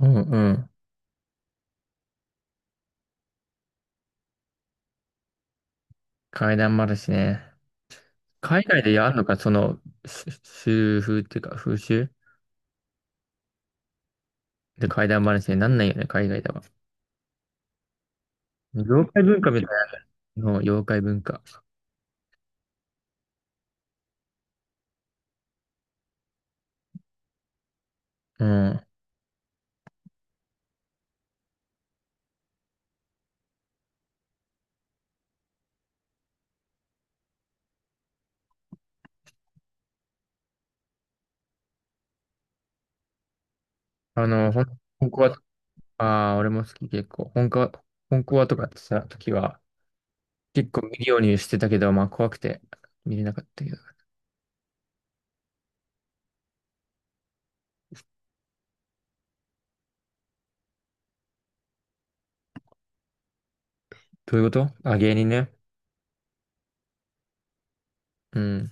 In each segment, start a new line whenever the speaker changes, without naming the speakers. うんうん。階段もあるしね。海外でやるのか、その、し習風っていうか、風習で怪談話になんないよね、海外では。妖怪文化みたいなの、妖怪文化。うん。本コア。ああ、俺も好き結構。本コアとかやってた時は、結構見るようにしてたけど、まあ怖くて見れなかったけど。どういうこと？あ、芸人ね。うん、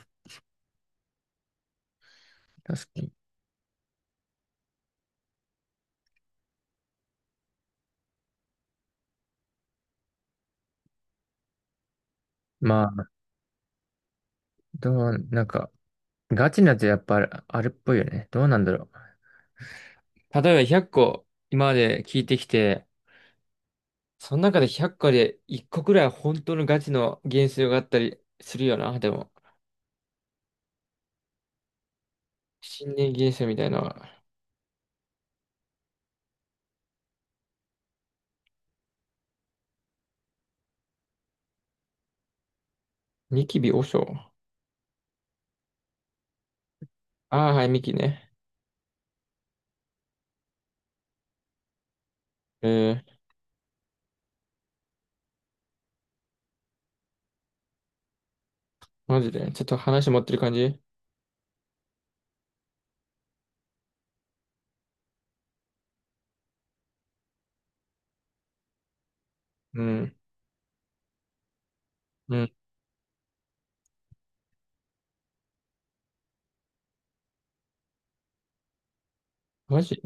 確かに。まあ、なんか、ガチなやつやっぱあるっぽいよね。どうなんだろう。例えば100個今まで聞いてきて、その中で100個で1個くらいは本当のガチの幻想があったりするよな、でも。新年幻想みたいな。ニキビ和尚。ああー、はい、ミキね。えー、マジで。ちょっと話持ってる感じ。うん。うん。マジ。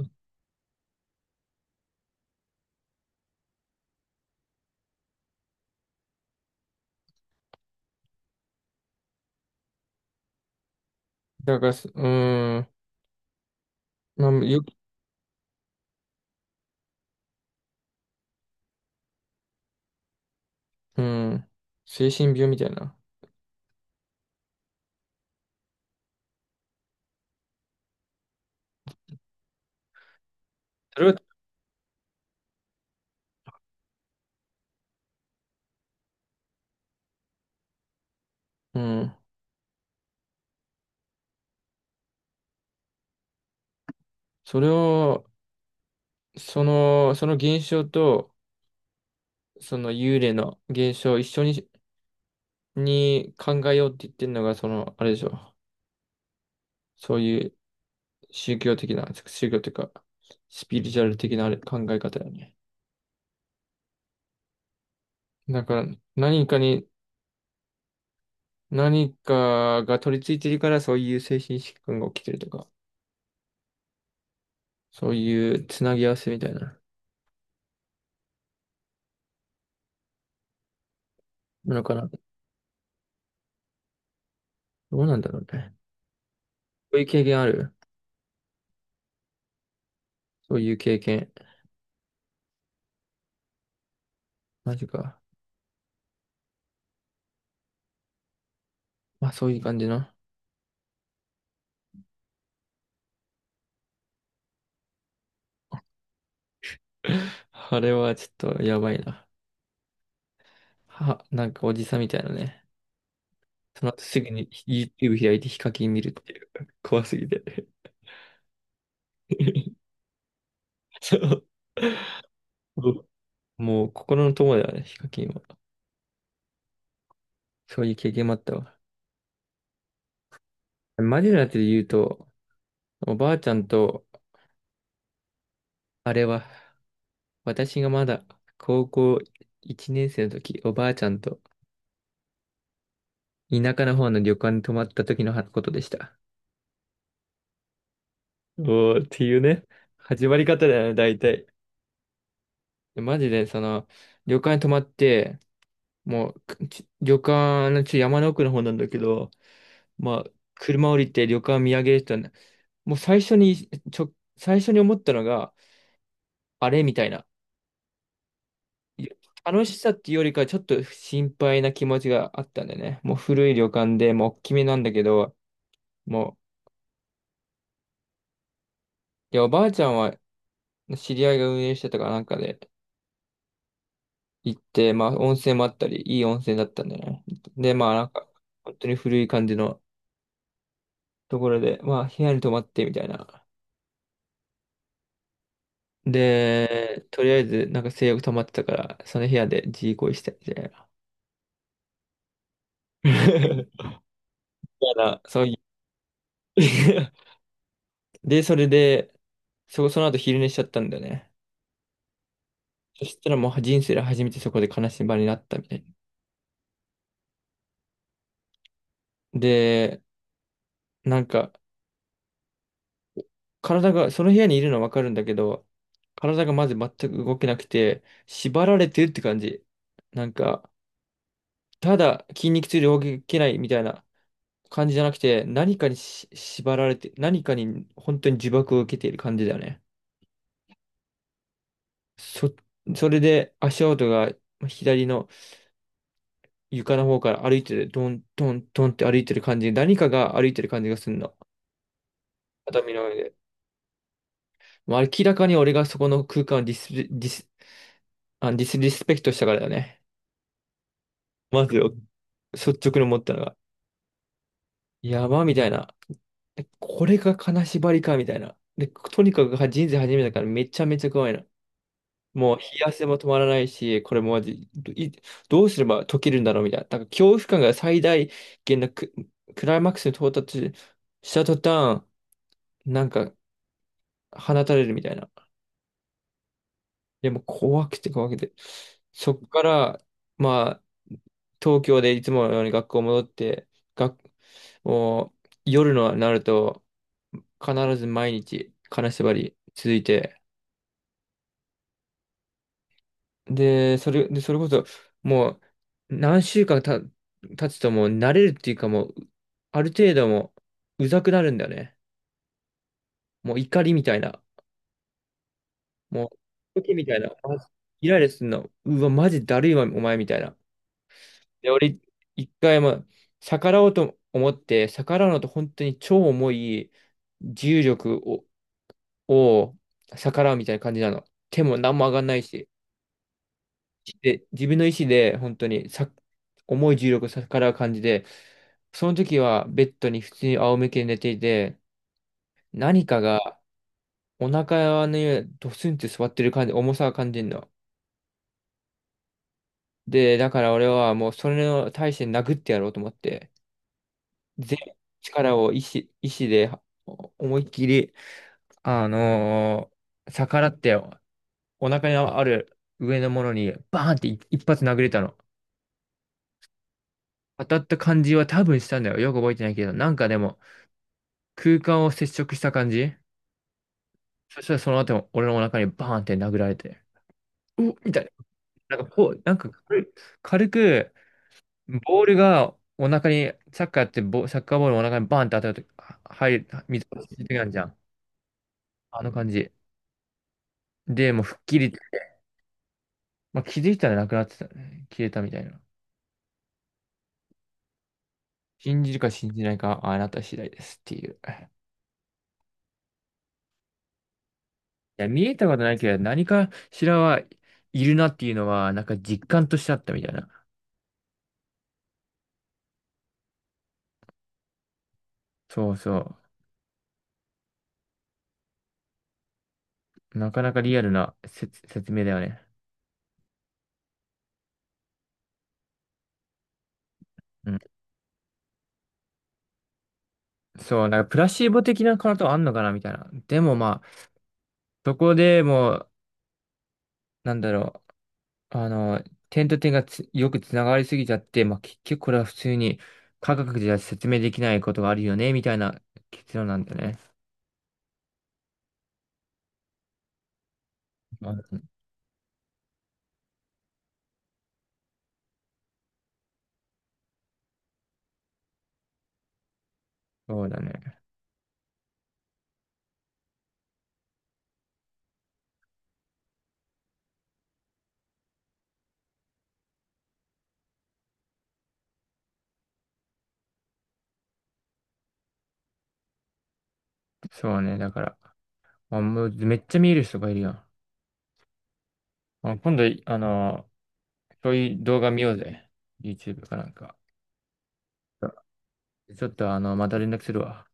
だからす、うーん。まあ、うん。精神病みたいな。それを。うん。それを、その現象と、その幽霊の現象を一緒に考えようって言ってるのが、その、あれでしょ。そういう宗教的な、宗教というか、スピリチュアル的なあれ考え方よね。だから、何かに、何かが取り付いてるから、そういう精神疾患が起きてるとか、そういうつなぎ合わせみたいなのかな。どうなんだろうね。そういう経験ある？そういう経験。マジか。まあ、そういう感じの。あれはちょっとやばいな。は、なんかおじさんみたいなね。その後すぐに YouTube 開いてヒカキン見るっていう。怖すぎて。そう。もう心の友だよね、ヒカキンは。そういう経験もあったわ。マジなやつで言うと、おばあちゃんと、あれは、私がまだ高校1年生の時、おばあちゃんと田舎の方の旅館に泊まった時のことでした。おーっていうね、始まり方だよね、大体。マジで、その、旅館に泊まって、もう、旅館の山の奥の方なんだけど、まあ、車降りて旅館見上げる人はね、もう最初に、最初に思ったのが、あれみたいな。楽しさっていうよりか、ちょっと心配な気持ちがあったんだよね。もう古い旅館で、もう大きめなんだけど、もう、いや、おばあちゃんは知り合いが運営してたからなんかで行って、まあ、温泉もあったり、いい温泉だったんだよね。で、まあ、なんか、本当に古い感じのところで、まあ、部屋に泊まってみたいな。で、とりあえず、なんか性欲溜まってたから、その部屋で自慰行為したみたいな。みたいなそういう。で、それで、その後昼寝しちゃったんだよね。そしたらもう人生で初めてそこで悲しみ場になったみたいな。で、なんか、体が、その部屋にいるのはわかるんだけど、体がまず全く動けなくて、縛られてるって感じ。なんか、ただ筋肉痛で動けないみたいな感じじゃなくて、何かに縛られて、何かに本当に呪縛を受けている感じだよね。そ、それで足音が左の、床の方から歩いてる、トントントンって歩いてる感じ、何かが歩いてる感じがするの。畳の上で。もう明らかに俺がそこの空間をディスリスペクトしたからだよね。まずよ、率直に思ったのが。やば、みたいな。え、これが金縛りか、みたいな。で、とにかく人生初めてだからめちゃめちゃ怖いな。もう冷や汗も止まらないし、これもマじい、どうすれば解けるんだろうみたいな。だから恐怖感が最大限のクライマックスに到達した途端、なんか放たれるみたいな。でも怖くて怖くて。そっから、まあ、東京でいつものように学校戻って、学、もう夜のなると、必ず毎日金縛り続いて、で、それこそ、もう、何週間経つともう慣れるっていうかもう、ある程度もう、うざくなるんだよね。もう怒りみたいな。もう、時みたいな。まずイライラするの。うわ、マジだるいわ、お前みたいな。で、俺、一回も逆らおうと思って、逆らうのと本当に超重い重力を、を逆らうみたいな感じなの。手も何も上がんないし。で、自分の意思で本当にさ、重い重力を逆らう感じで、その時はベッドに普通に仰向けに寝ていて、何かがお腹の上にドスンって座ってる感じ、重さを感じるの。で、だから俺はもうそれの対して殴ってやろうと思って。全力を意志で思いっきり、あのー逆らってお腹にある上のものにバーンって一発殴れたの。当たった感じは多分したんだよ。よく覚えてないけど、なんかでも空間を接触した感じ。そしたらその後も俺のお腹にバーンって殴られて、うっみたいな。なんかこう、なんか軽くボールがお腹に、サッカーボールお腹にバーンって当たると、は入る、水がついてくるじゃん。あの感じ。で、もう吹っ切りまあ、気づいたらなくなってたね。消えたみたいな。信じるか信じないかはあなた次第ですっていう。いや、見えたことないけど、何かしらはいるなっていうのは、なんか実感としてあったみたいな。そうそう。なかなかリアルな説明だよね。うん。そう、なんかプラシーボ的なことあんのかなみたいな。でもまあ、そこでもう、なんだろう。点と点がつよくつながりすぎちゃって、まあ結局これは普通に科学じゃ説明できないことがあるよね、みたいな結論なんだよね。まあそうだね。そうね。だから、あ、もうめっちゃ見える人がいるやん。あ、今度、あの、そういう動画見ようぜ。YouTube かなんか。ちょっと、あの、また連絡するわ。